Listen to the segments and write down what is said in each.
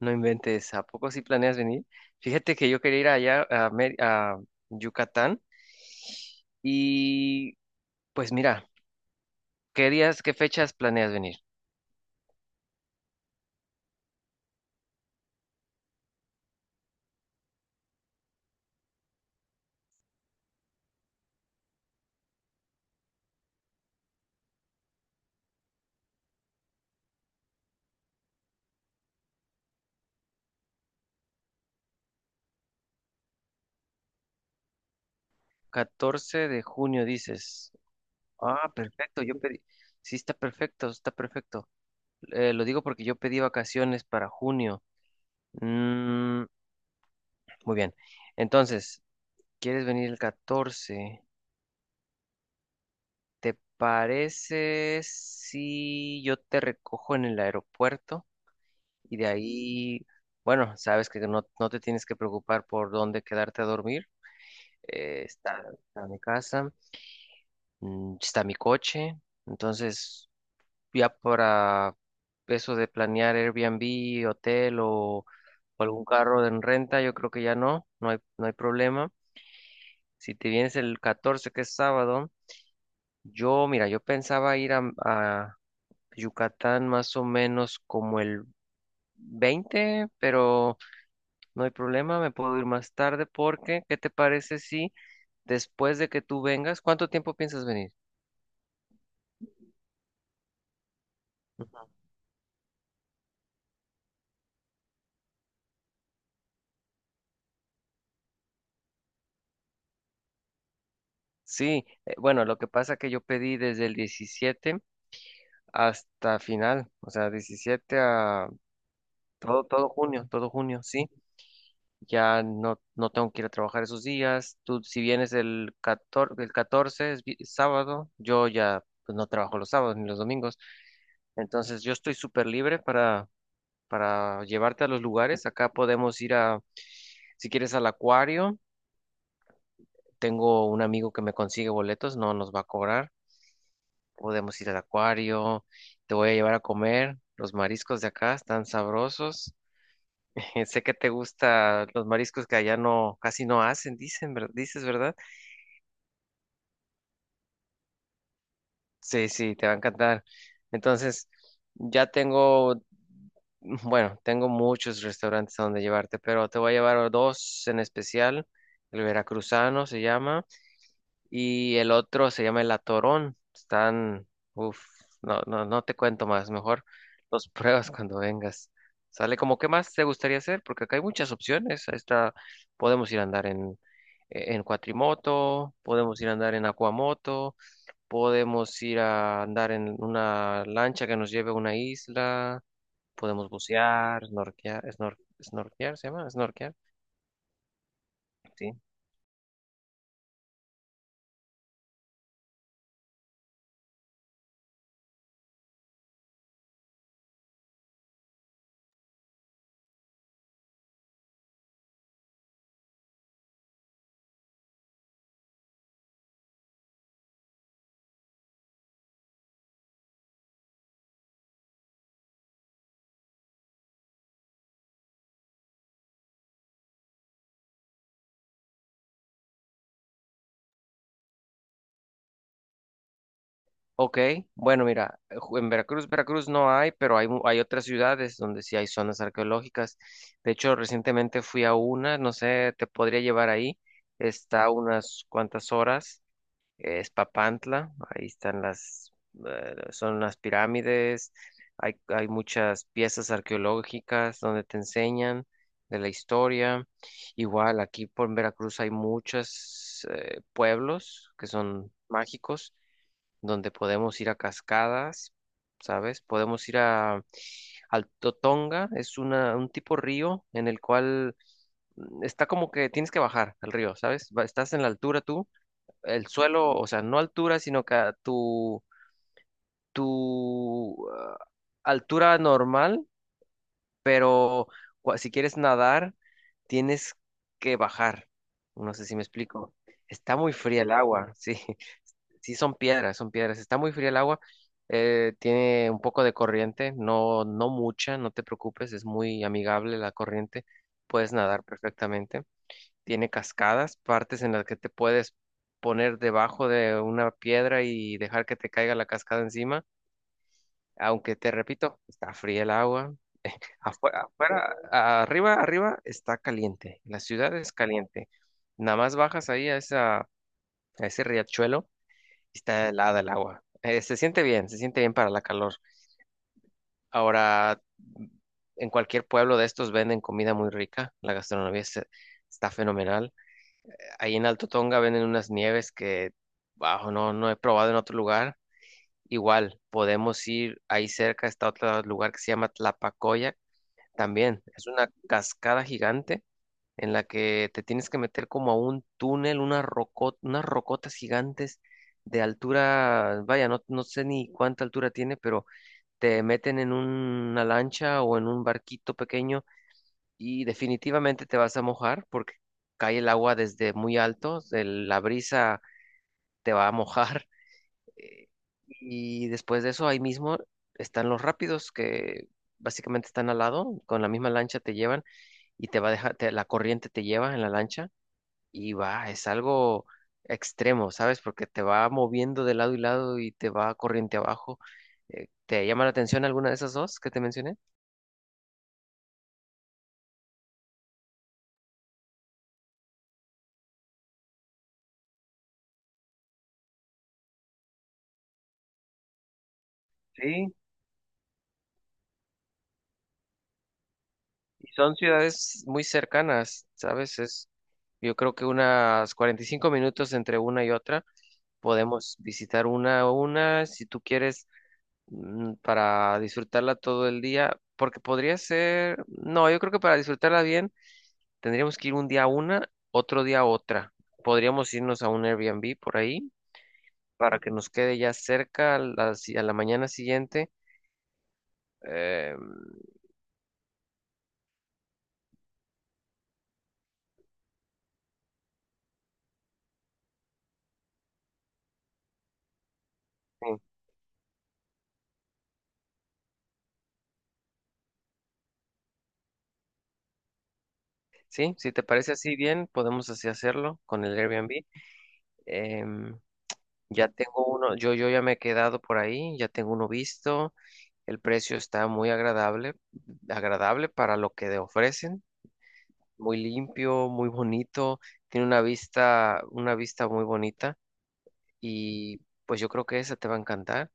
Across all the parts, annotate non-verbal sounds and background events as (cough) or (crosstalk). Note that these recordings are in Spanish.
No inventes, ¿a poco sí planeas venir? Fíjate que yo quería ir allá a Yucatán y pues mira, ¿qué días, qué fechas planeas venir? 14 de junio dices. Ah, perfecto, yo pedí. Sí, está perfecto, está perfecto. Lo digo porque yo pedí vacaciones para junio. Mm, muy bien. Entonces, ¿quieres venir el 14? ¿Te parece si yo te recojo en el aeropuerto? Y de ahí, bueno, sabes que no te tienes que preocupar por dónde quedarte a dormir. Está mi casa, está mi coche. Entonces, ya para eso de planear Airbnb, hotel o algún carro en renta, yo creo que ya no hay problema. Si te vienes el 14 que es sábado, yo, mira, yo pensaba ir a Yucatán más o menos como el 20, pero no hay problema, me puedo ir más tarde porque, ¿qué te parece si después de que tú vengas? ¿Cuánto tiempo piensas venir? Sí, bueno, lo que pasa que yo pedí desde el 17 hasta final, o sea, 17 a todo junio, todo junio, sí. Ya no tengo que ir a trabajar esos días. Tú, si vienes el 14, el 14 es sábado, yo ya pues no trabajo los sábados ni los domingos. Entonces, yo estoy súper libre para llevarte a los lugares. Acá podemos ir a, si quieres, al acuario. Tengo un amigo que me consigue boletos, no nos va a cobrar. Podemos ir al acuario, te voy a llevar a comer. Los mariscos de acá están sabrosos. (laughs) Sé que te gustan los mariscos que allá no, casi no hacen, dicen, dices, ¿verdad? Sí, sí, te va a encantar. Entonces, ya tengo, (laughs) bueno, tengo muchos restaurantes a donde llevarte, pero te voy a llevar a dos en especial. El veracruzano se llama. Y el otro se llama el Atorón. Están, uff, no, no, no te cuento más, mejor los (laughs) pruebas cuando vengas. Sale, como, ¿qué más te gustaría hacer? Porque acá hay muchas opciones. Ahí está, podemos ir a andar en cuatrimoto, podemos ir a andar en acuamoto, podemos ir a andar en una lancha que nos lleve a una isla, podemos bucear, snorkear, snorkear, ¿se llama? Snorkear, sí. Ok, bueno, mira, en Veracruz, Veracruz no hay, pero hay, hay otras ciudades donde sí hay zonas arqueológicas. De hecho, recientemente fui a una, no sé, te podría llevar ahí. Está a unas cuantas horas, es Papantla, ahí están las, son las pirámides, hay muchas piezas arqueológicas donde te enseñan de la historia. Igual, aquí por Veracruz hay muchos pueblos que son mágicos donde podemos ir a cascadas, ¿sabes? Podemos ir a al Totonga, es una, un tipo río en el cual está como que tienes que bajar al río, ¿sabes? Estás en la altura tú, el suelo, o sea, no altura, sino que a tu altura normal, pero si quieres nadar, tienes que bajar. No sé si me explico. Está muy fría el agua, (laughs) sí. Sí, son piedras, son piedras. Está muy fría el agua, tiene un poco de corriente, no, mucha, no te preocupes, es muy amigable la corriente, puedes nadar perfectamente. Tiene cascadas, partes en las que te puedes poner debajo de una piedra y dejar que te caiga la cascada encima, aunque te repito, está fría el agua. Afuera, afuera, arriba, arriba está caliente, la ciudad es caliente. Nada más bajas ahí a esa, a ese riachuelo. Está helada el agua. Se siente bien, se siente bien para la calor. Ahora, en cualquier pueblo de estos venden comida muy rica. La gastronomía está fenomenal. Ahí en Alto Tonga venden unas nieves que, bajo, no, no he probado en otro lugar. Igual, podemos ir ahí cerca, está otro lugar que se llama Tlapacoya. También es una cascada gigante en la que te tienes que meter como a un túnel, unas unas rocotas gigantes de altura, vaya, no sé ni cuánta altura tiene, pero te meten en una lancha o en un barquito pequeño y definitivamente te vas a mojar porque cae el agua desde muy alto, la brisa te va a mojar. (laughs) eh, y después de eso, ahí mismo están los rápidos que… Básicamente están al lado, con la misma lancha te llevan y te va a dejar, la corriente te lleva en la lancha y va, es algo extremo, ¿sabes? Porque te va moviendo de lado y lado y te va corriente abajo. ¿Te llama la atención alguna de esas dos que te mencioné? Sí. Y son ciudades muy cercanas, ¿sabes? Es, yo creo que unas 45 minutos entre una y otra. Podemos visitar una a una si tú quieres, para disfrutarla todo el día, porque podría ser, no, yo creo que para disfrutarla bien tendríamos que ir un día a una, otro día a otra. Podríamos irnos a un Airbnb por ahí para que nos quede ya cerca a la, si- a la mañana siguiente. Eh, sí, sí, si te parece así bien, podemos así hacerlo con el Airbnb. Em, ya tengo uno, yo ya me he quedado por ahí, ya tengo uno visto. El precio está muy agradable, agradable para lo que te ofrecen. Muy limpio, muy bonito. Tiene una vista muy bonita. Y pues yo creo que esa te va a encantar.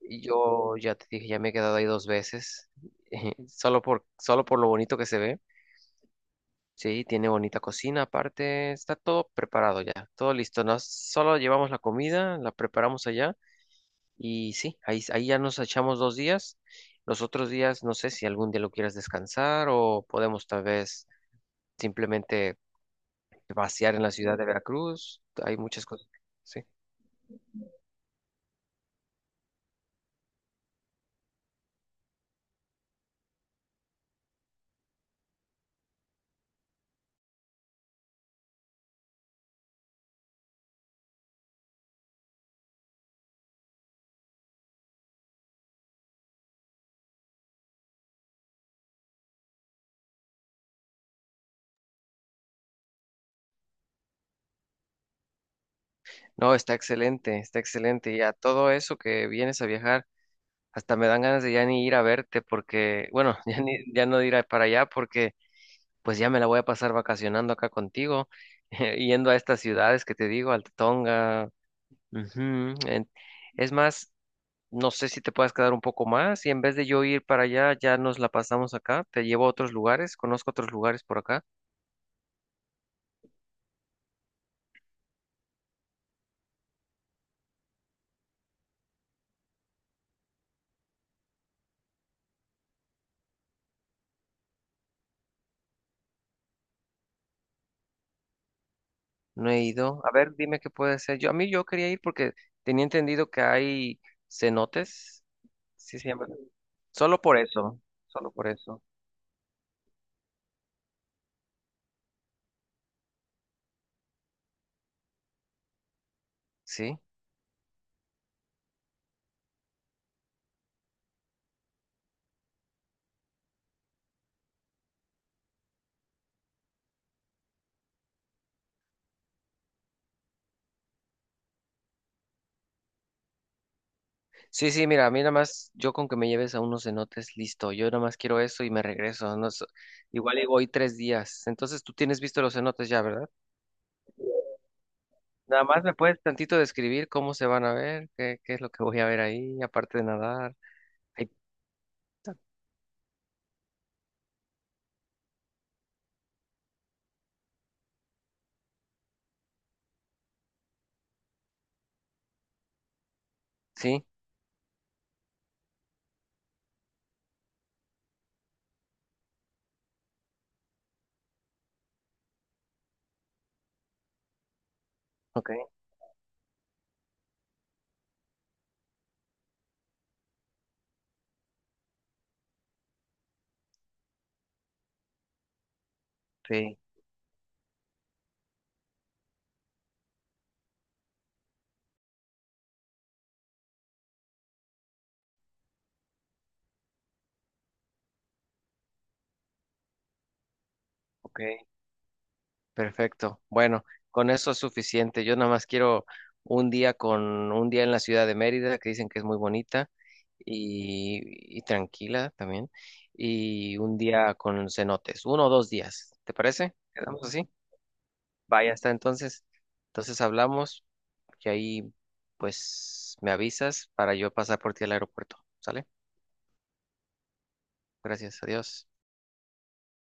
Y yo ya te dije, ya me he quedado ahí dos veces, (laughs) solo por, solo por lo bonito que se ve. Sí, tiene bonita cocina, aparte está todo preparado ya, todo listo. Nos, solo llevamos la comida, la preparamos allá y sí, ahí, ahí ya nos echamos 2 días. Los otros días, no sé si algún día lo quieras descansar o podemos tal vez simplemente vaciar en la ciudad de Veracruz. Hay muchas cosas. Sí. No, está excelente, está excelente. Y a todo eso que vienes a viajar, hasta me dan ganas de ya ni ir a verte porque, bueno, (laughs) ya no de ir para allá, porque pues ya me la voy a pasar vacacionando acá contigo, (laughs) yendo a estas ciudades que te digo, Altatonga. Ujú, en- es más, no sé si te puedas quedar un poco más y en vez de yo ir para allá, ya nos la pasamos acá. Te llevo a otros lugares, conozco otros lugares por acá. No he ido. A ver, dime qué puede ser. Yo, a mí yo quería ir porque tenía entendido que hay cenotes. Sí, siempre. Solo por eso, solo por eso. Sí, sí, sí, mira, a mí nada más, yo con que me lleves a unos cenotes, listo, yo nada más quiero eso y me regreso, no, igual y voy 3 días, entonces tú tienes visto los cenotes ya, ¿verdad? Nada más me puedes tantito describir cómo se van a ver, qué, qué es lo que voy a ver ahí, aparte de nadar. Ay, sí, ok, sí, ok, perfecto. Bueno, con eso es suficiente. Yo nada más quiero un día con un día en la ciudad de Mérida, que dicen que es muy bonita y tranquila también, y un día con cenotes, 1 o 2 días. ¿Te parece? ¿Quedamos así? Vaya, hasta entonces. Entonces hablamos y ahí pues me avisas para yo pasar por ti al aeropuerto. ¿Sale? Gracias, adiós.